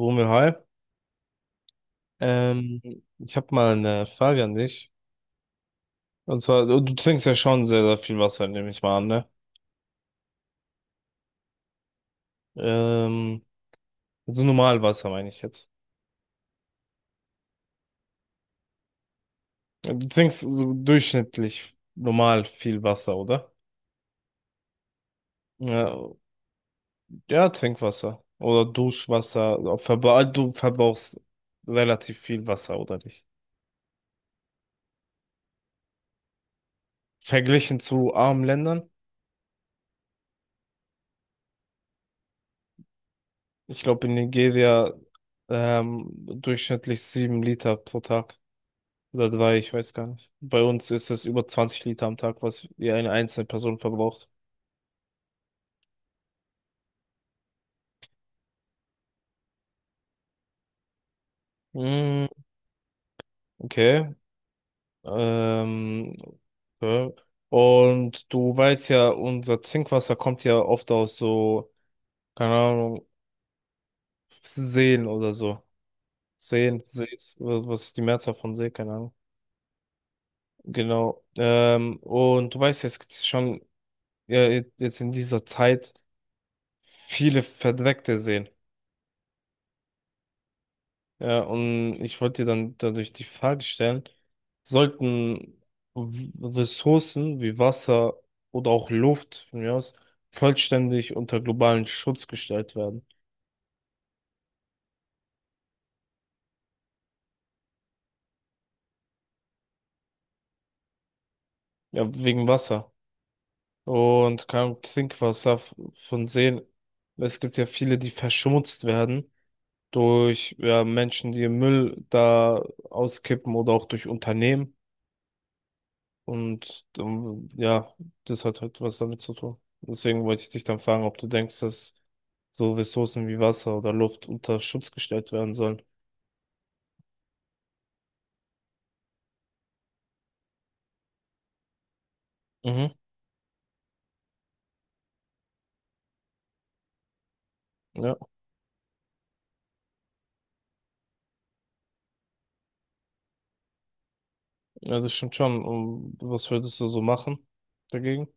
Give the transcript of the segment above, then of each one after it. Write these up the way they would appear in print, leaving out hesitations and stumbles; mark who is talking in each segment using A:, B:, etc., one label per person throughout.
A: Romeo, hi. Ähm, ich habe mal eine Frage an dich. Und zwar, du trinkst ja schon sehr, sehr viel Wasser, nehme ich mal an, ne? Ähm, also normal Wasser meine ich jetzt. Du trinkst so durchschnittlich normal viel Wasser, oder? Ja, ja, Trinkwasser oder Duschwasser. Also Verbra du verbrauchst relativ viel Wasser, oder nicht? Verglichen zu armen Ländern. Ich glaube, in Nigeria durchschnittlich 7 Liter pro Tag. Oder drei, ich weiß gar nicht. Bei uns ist das über 20 Liter am Tag, was wir eine einzelne Person verbraucht. Mm, okay. Ähm, okay. Und du weißt ja, unser Trinkwasser kommt ja oft aus so, keine Ahnung, Seen oder so. Seen, Sees, was ist die Mehrzahl von See, keine Ahnung. Genau. Und du weißt ja, es gibt schon ja, jetzt in dieser Zeit viele verdreckte Seen. Ja, und ich wollte dir dann dadurch die Frage stellen, sollten W- Ressourcen wie Wasser oder auch Luft von mir aus vollständig unter globalen Schutz gestellt werden? Ja, wegen Wasser. Und kein Trinkwasser von Seen. Es gibt ja viele, die verschmutzt werden durch ja, Menschen, die Müll da auskippen oder auch durch Unternehmen. Und ja, das hat halt was damit zu tun. Deswegen wollte ich dich dann fragen, ob du denkst, dass so Ressourcen wie Wasser oder Luft unter Schutz gestellt werden sollen. Mhm. Ja, ja, das stimmt schon. Und was würdest du so machen dagegen?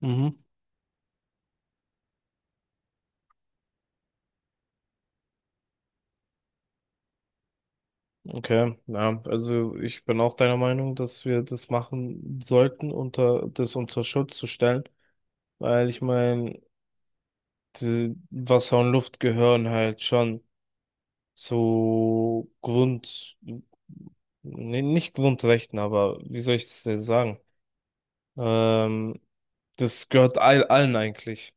A: Mhm. Okay, ja, also ich bin auch deiner Meinung, dass wir das machen sollten, unter das unter Schutz zu stellen, weil ich meine, Wasser und Luft gehören halt schon. So Grund, nee, nicht Grundrechten, aber wie soll ich das denn sagen? Ähm, das gehört allen eigentlich.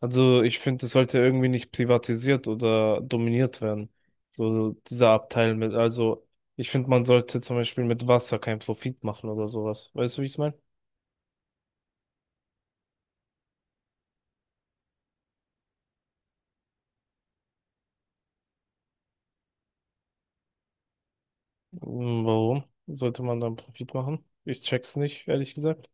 A: Also ich finde, das sollte irgendwie nicht privatisiert oder dominiert werden. So dieser Abteil mit, also ich finde, man sollte zum Beispiel mit Wasser keinen Profit machen oder sowas. Weißt du, wie ich es meine? Hm, warum sollte man dann Profit machen? Ich check's nicht, ehrlich gesagt.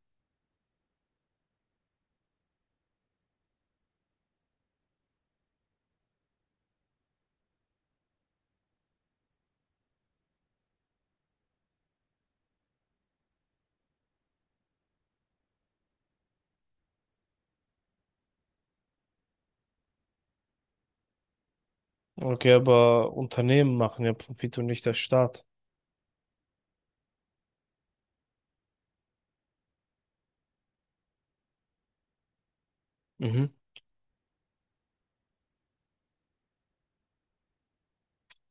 A: Okay, aber Unternehmen machen ja Profit und nicht der Staat. Mhm.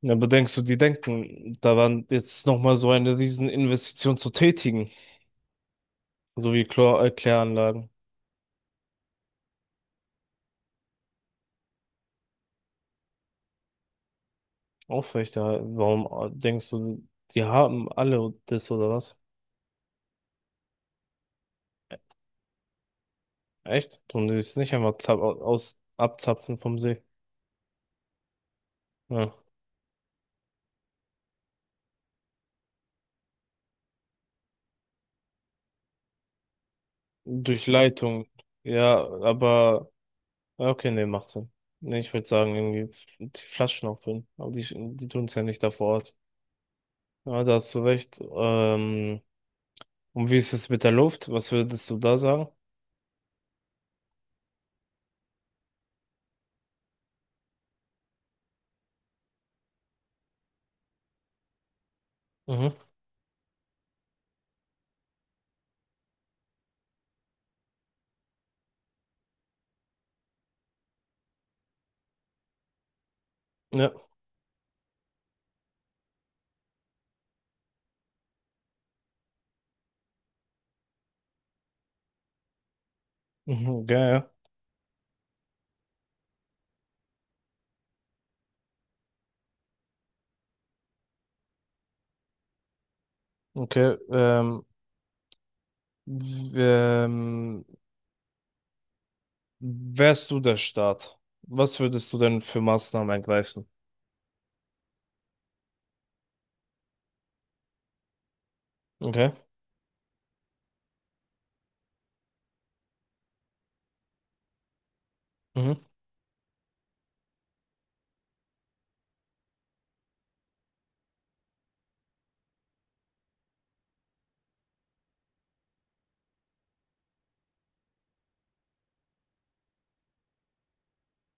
A: Ja, aber denkst du, die denken daran, jetzt nochmal so eine riesen Investition zu tätigen, so wie Chlor Kläranlagen aufrechterhalten? Warum denkst du, die haben alle das oder was? E- Echt? Und die es nicht einfach zap aus abzapfen vom See? Ja. Durch Leitung. Ja, aber ja, okay, nee, macht Sinn. Nee, ich würde sagen, irgendwie die Flaschen auffüllen. Aber die, die tun es ja nicht da vor Ort. Ja, da hast du recht. Und wie ist es mit der Luft? Was würdest du da sagen? Mhm. Ja, mhm, ja, ja. Okay. W- ähm, wärst du der Staat? Was würdest du denn für Maßnahmen ergreifen? Okay. Mhm.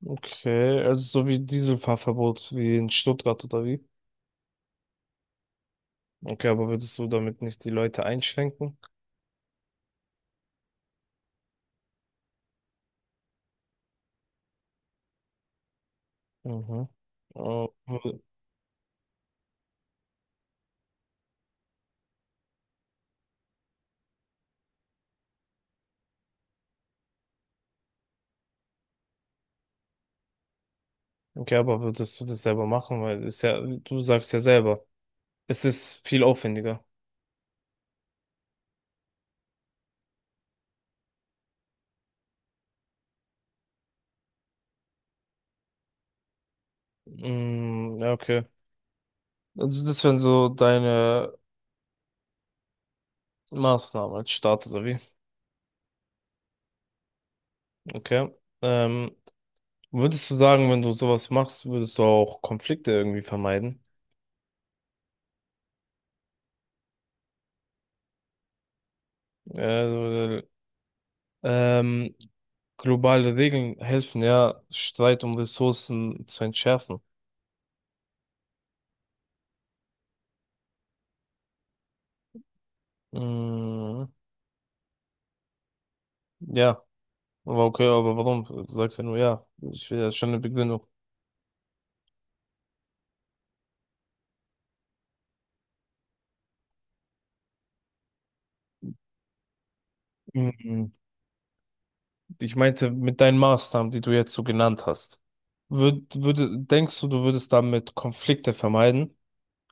A: Okay, also so wie Dieselfahrverbot wie in Stuttgart oder wie? Okay, aber würdest du damit nicht die Leute einschränken? Mhm. Oh, okay, aber würdest du das selber machen? Weil ist ja, du sagst ja selber, es ist viel aufwendiger. Mm, ja, okay. Also das wären so deine Maßnahmen als Staat oder wie? Okay. Ähm, würdest du sagen, wenn du sowas machst, würdest du auch Konflikte irgendwie vermeiden? Äh, ähm, globale Regeln helfen ja, Streit um Ressourcen zu entschärfen. Mm, ja, aber okay, aber warum? Du sagst ja nur ja. Ich will ja schon eine Begründung. Mhm. Ich meinte, mit deinen Maßnahmen, die du jetzt so genannt hast, würde, denkst du, du würdest damit Konflikte vermeiden?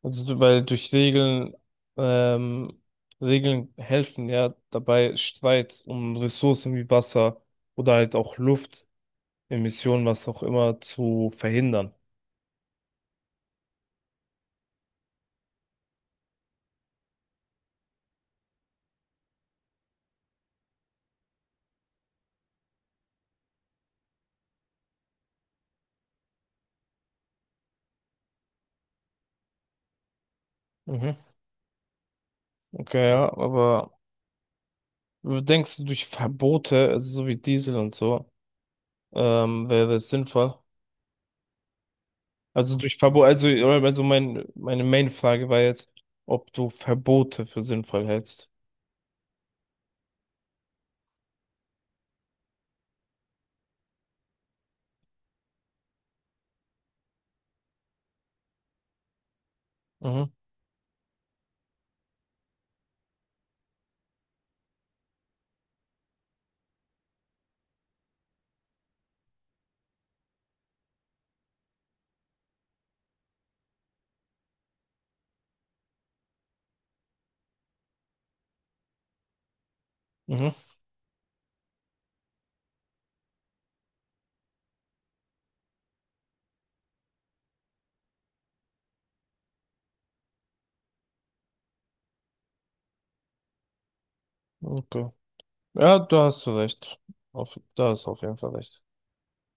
A: Also, weil durch Regeln, ähm, Regeln helfen ja dabei, Streit um Ressourcen wie Wasser oder halt auch Luft, Emissionen, was auch immer, zu verhindern. Mhm. Okay, ja, aber denkst du, durch Verbote, also so wie Diesel und so, wäre es sinnvoll? Also durch Verbot, also meine Main-Frage war jetzt, ob du Verbote für sinnvoll hältst. Mhm, mhm, okay. Ja, da hast du recht. Da hast du auf jeden Fall recht.